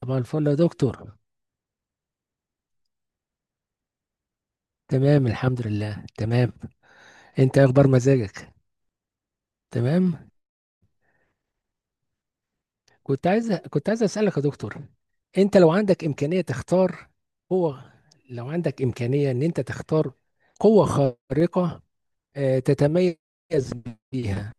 طبعا الفل يا دكتور. تمام، الحمد لله، تمام. انت إيه اخبار مزاجك؟ تمام. كنت عايز اسالك يا دكتور. انت لو عندك امكانيه تختار قوه لو عندك امكانيه ان انت تختار قوه خارقه تتميز بيها.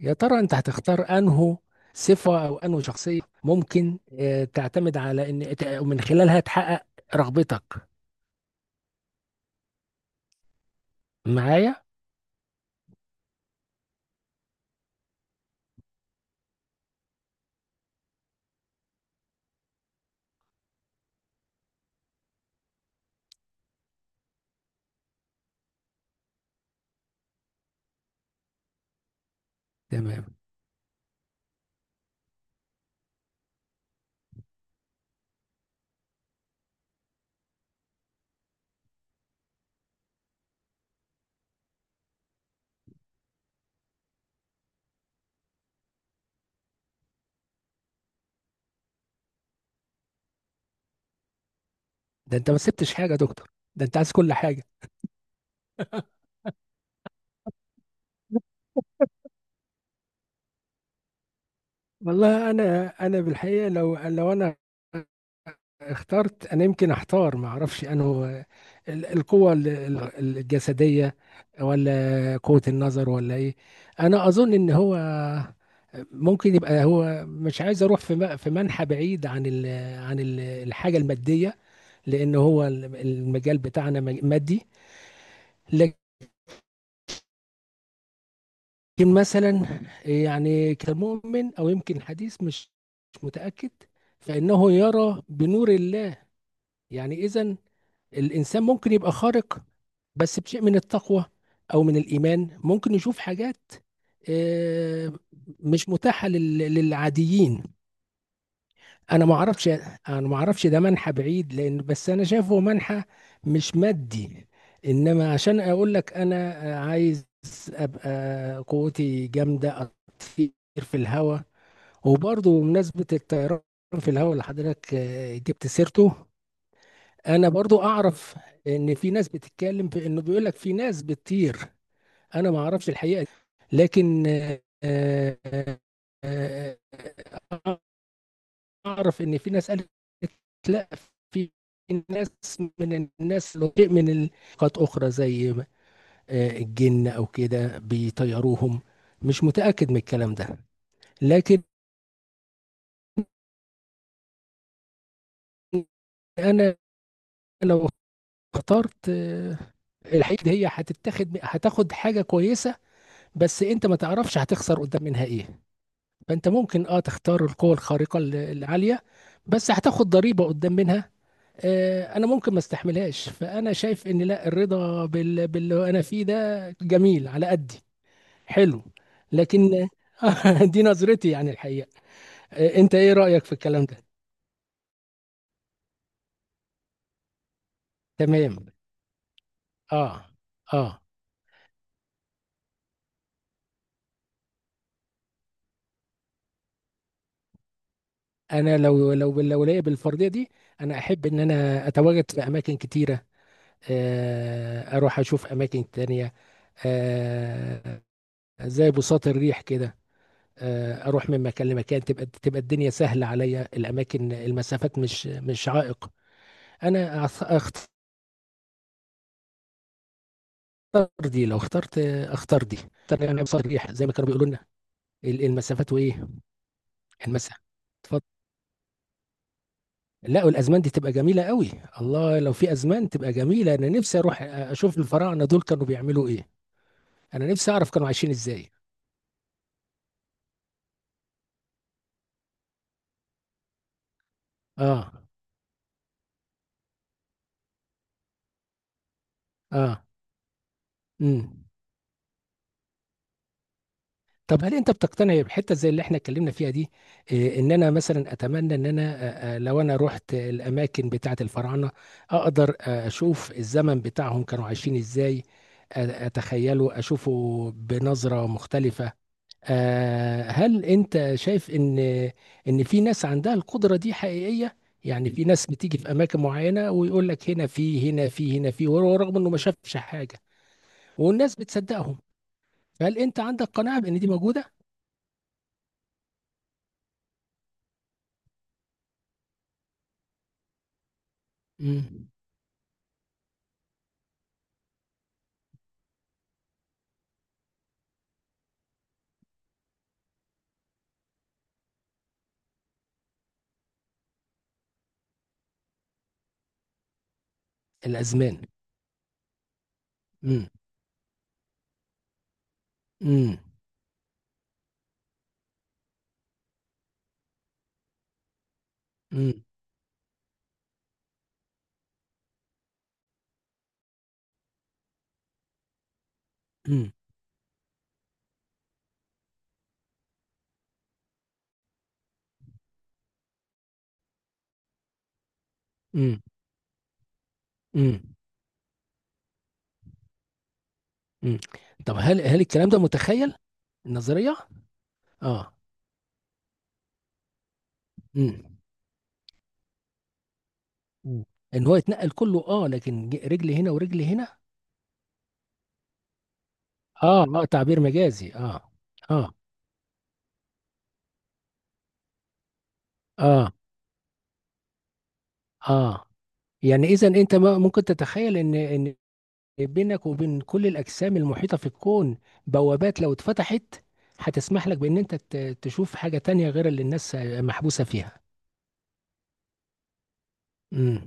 يا ترى انت هتختار انه صفه او انه شخصيه ممكن تعتمد على ان من خلالها تحقق رغبتك. معايا. تمام. ده انت ما سبتش حاجه يا دكتور، ده انت عايز كل حاجه. والله، انا بالحقيقه لو انا اخترت، انا يمكن احتار، ما اعرفش انه القوه الجسديه ولا قوه النظر ولا ايه. انا اظن ان هو ممكن يبقى هو مش عايز اروح في في منحى بعيد عن الحاجه الماديه. لان هو المجال بتاعنا مادي. لكن مثلا، يعني كمؤمن او يمكن حديث، مش متاكد. فانه يرى بنور الله. يعني إذا الإنسان ممكن يبقى خارق بس بشيء من التقوى أو من الإيمان، ممكن يشوف حاجات آه، مش متاحة للعاديين. أنا ما أعرفش. أنا ما أعرفش، ده منحى بعيد، لأن بس أنا شايفه منحى مش مادي. إنما عشان أقول لك، أنا عايز أبقى قوتي جامدة، أطير في الهواء. وبرضه بمناسبة الطيران في الهواء اللي حضرتك جبت سيرته، انا برضو اعرف ان في ناس بتتكلم، في انه بيقول لك في ناس بتطير. انا ما اعرفش الحقيقه دي. لكن آه، آه، اعرف ان في ناس قالت لا، في ناس من الناس لو شيء من نقاط اخرى زي الجن او كده بيطيروهم. مش متاكد من الكلام ده. لكن انا لو اخترت الحقيقه دي، هي هتاخد حاجه كويسه، بس انت ما تعرفش هتخسر قدام منها ايه. فانت ممكن تختار القوة الخارقة العالية، بس هتاخد ضريبة قدام منها. انا ممكن ما استحملهاش، فانا شايف ان لا، الرضا باللي انا فيه ده جميل على قدي. حلو. لكن دي نظرتي يعني، الحقيقة. انت ايه رأيك في الكلام ده؟ تمام. اه، اه. انا لو ليا بالفردية دي، انا احب ان انا اتواجد في اماكن كتيرة. اروح اشوف اماكن تانية، آه، زي بساط الريح كده. اروح من مكان لمكان، تبقى الدنيا سهله عليا، الاماكن، المسافات مش عائق. انا اختار دي. لو اخترت اختار دي، اختار يعني بساط الريح زي ما كانوا بيقولوا لنا. المسافات وايه. المسافه. اتفضل. لا، والازمان دي تبقى جميله قوي. الله، لو في ازمان تبقى جميله، انا نفسي اروح اشوف الفراعنه دول كانوا بيعملوا ايه. انا نفسي اعرف كانوا عايشين ازاي. اه. اه. امم. طب هل انت بتقتنع بحته زي اللي احنا اتكلمنا فيها دي؟ ان انا مثلا اتمنى ان انا، لو انا رحت الاماكن بتاعه الفراعنه، اقدر اشوف الزمن بتاعهم كانوا عايشين ازاي، اتخيله اشوفه بنظره مختلفه. هل انت شايف ان في ناس عندها القدره دي حقيقيه؟ يعني في ناس بتيجي في اماكن معينه ويقول لك هنا في، هنا في، هنا في، وهو رغم انه ما شافش حاجه، والناس بتصدقهم. فهل انت عندك قناعه بان دي موجوده؟ مم. الأزمان. مم. مم. مم. مم. مم. مم. مم. طب هل الكلام ده متخيل، النظرية؟ اه. مم. مم. ان هو يتنقل كله، لكن رجل هنا ورجل هنا. اه، اه، تعبير مجازي، اه. اه. اه. اه. يعني اذا انت ممكن تتخيل ان بينك وبين كل الاجسام المحيطة في الكون بوابات، لو اتفتحت هتسمح لك بان انت تشوف حاجة تانية غير اللي الناس محبوسة فيها. امم.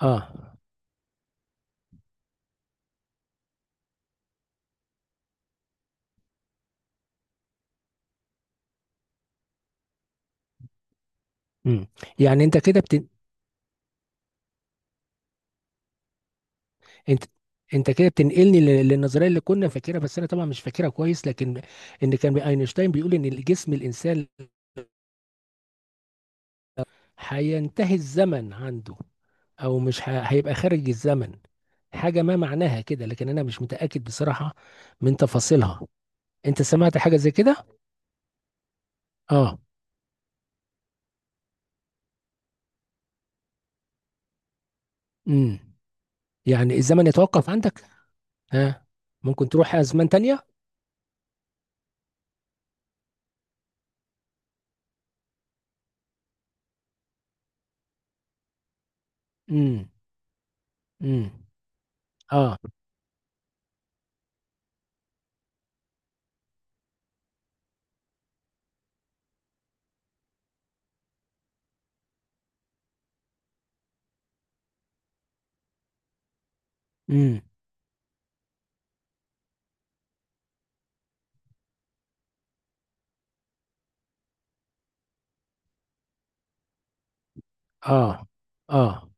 اه. مم. يعني انت انت كده بتنقلني للنظريه اللي كنا فاكرها، بس انا طبعا مش فاكرها كويس. لكن ان كان اينشتاين بيقول ان جسم الانسان هينتهي الزمن عنده، او مش هيبقى خارج الزمن، حاجه ما معناها كده، لكن انا مش متاكد بصراحه من تفاصيلها. انت سمعت حاجه زي كده؟ اه. امم. يعني الزمن يتوقف عندك. ها. ممكن تروح ازمان تانية. امم. امم. اه. امم. اه. اه.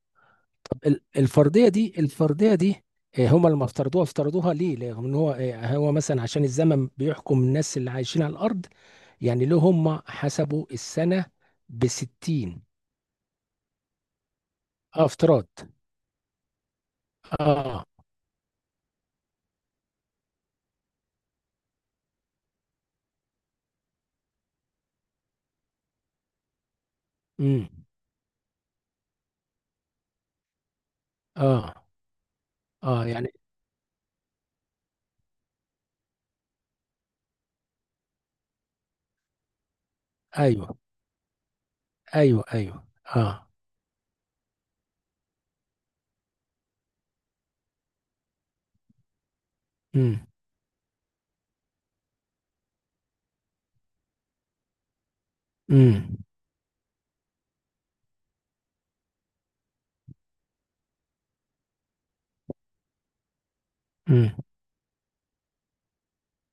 الفرضيه دي، هما لما افترضوها ليه؟ لان هو مثلا عشان الزمن بيحكم الناس اللي عايشين على الارض. يعني ليه هما حسبوا السنه ب 60؟ اه، افتراض. اه. امم. اه. اه. يعني. ايوه، ايوه، ايوه. اه. امم. امم. امم.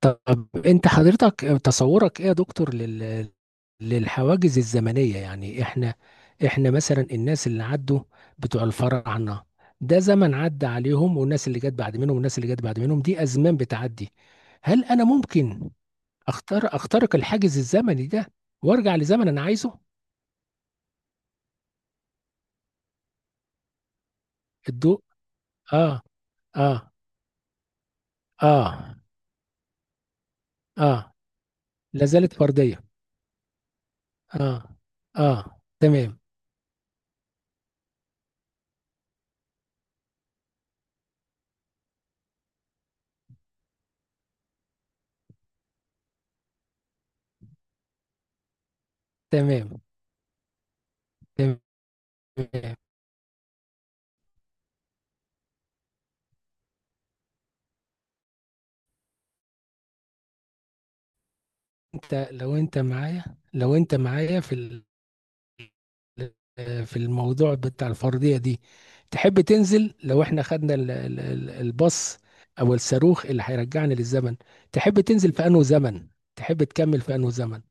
طب انت حضرتك تصورك ايه يا دكتور للحواجز الزمنية؟ يعني احنا مثلا الناس اللي عدوا، بتوع الفراعنة، ده زمن عدى عليهم، والناس اللي جت بعد منهم، والناس اللي جت بعد منهم، دي ازمان بتعدي. هل انا ممكن اختار اخترق الحاجز الزمني ده وارجع لزمن انا عايزه؟ الضوء. اه. اه. اه. اه. لا زالت فردية. اه. اه. تمام. تمام. تمام. انت لو انت معايا لو انت معايا في في الموضوع بتاع الفرضية دي، تحب تنزل؟ لو احنا خدنا الباص او الصاروخ اللي هيرجعنا للزمن، تحب تنزل في انه زمن؟ تحب تكمل في انه زمن؟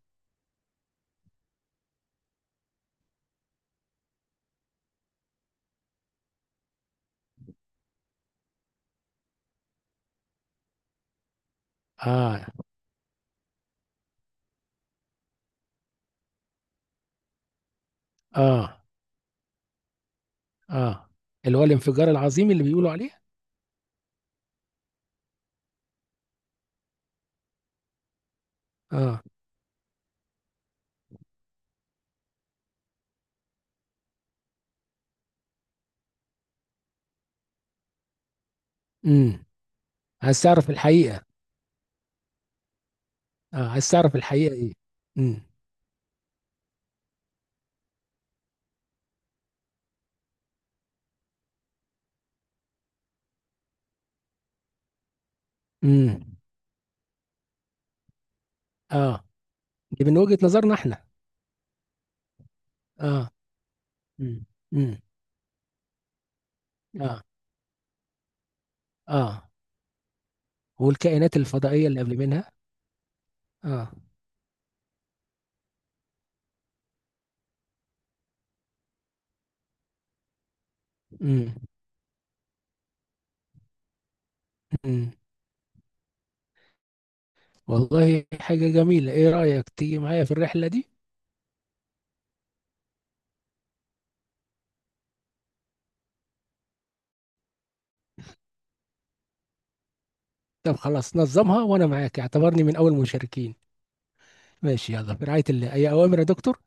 اه. اه. اه. اللي هو الانفجار العظيم اللي بيقولوا عليه. اه. امم. عايز تعرف الحقيقة؟ اه، عايز تعرف الحقيقة ايه. امم. امم. اه. دي من وجهة نظرنا احنا. اه. امم. امم. اه. اه. والكائنات الفضائية اللي قبل منها. اه. امم. امم. والله، حاجة جميلة. ايه رأيك تيجي معايا في الرحلة دي؟ طب خلاص، نظمها وانا معاك، اعتبرني من اول مشاركين. ماشي، يلا، برعاية الله. اي اوامر يا دكتور.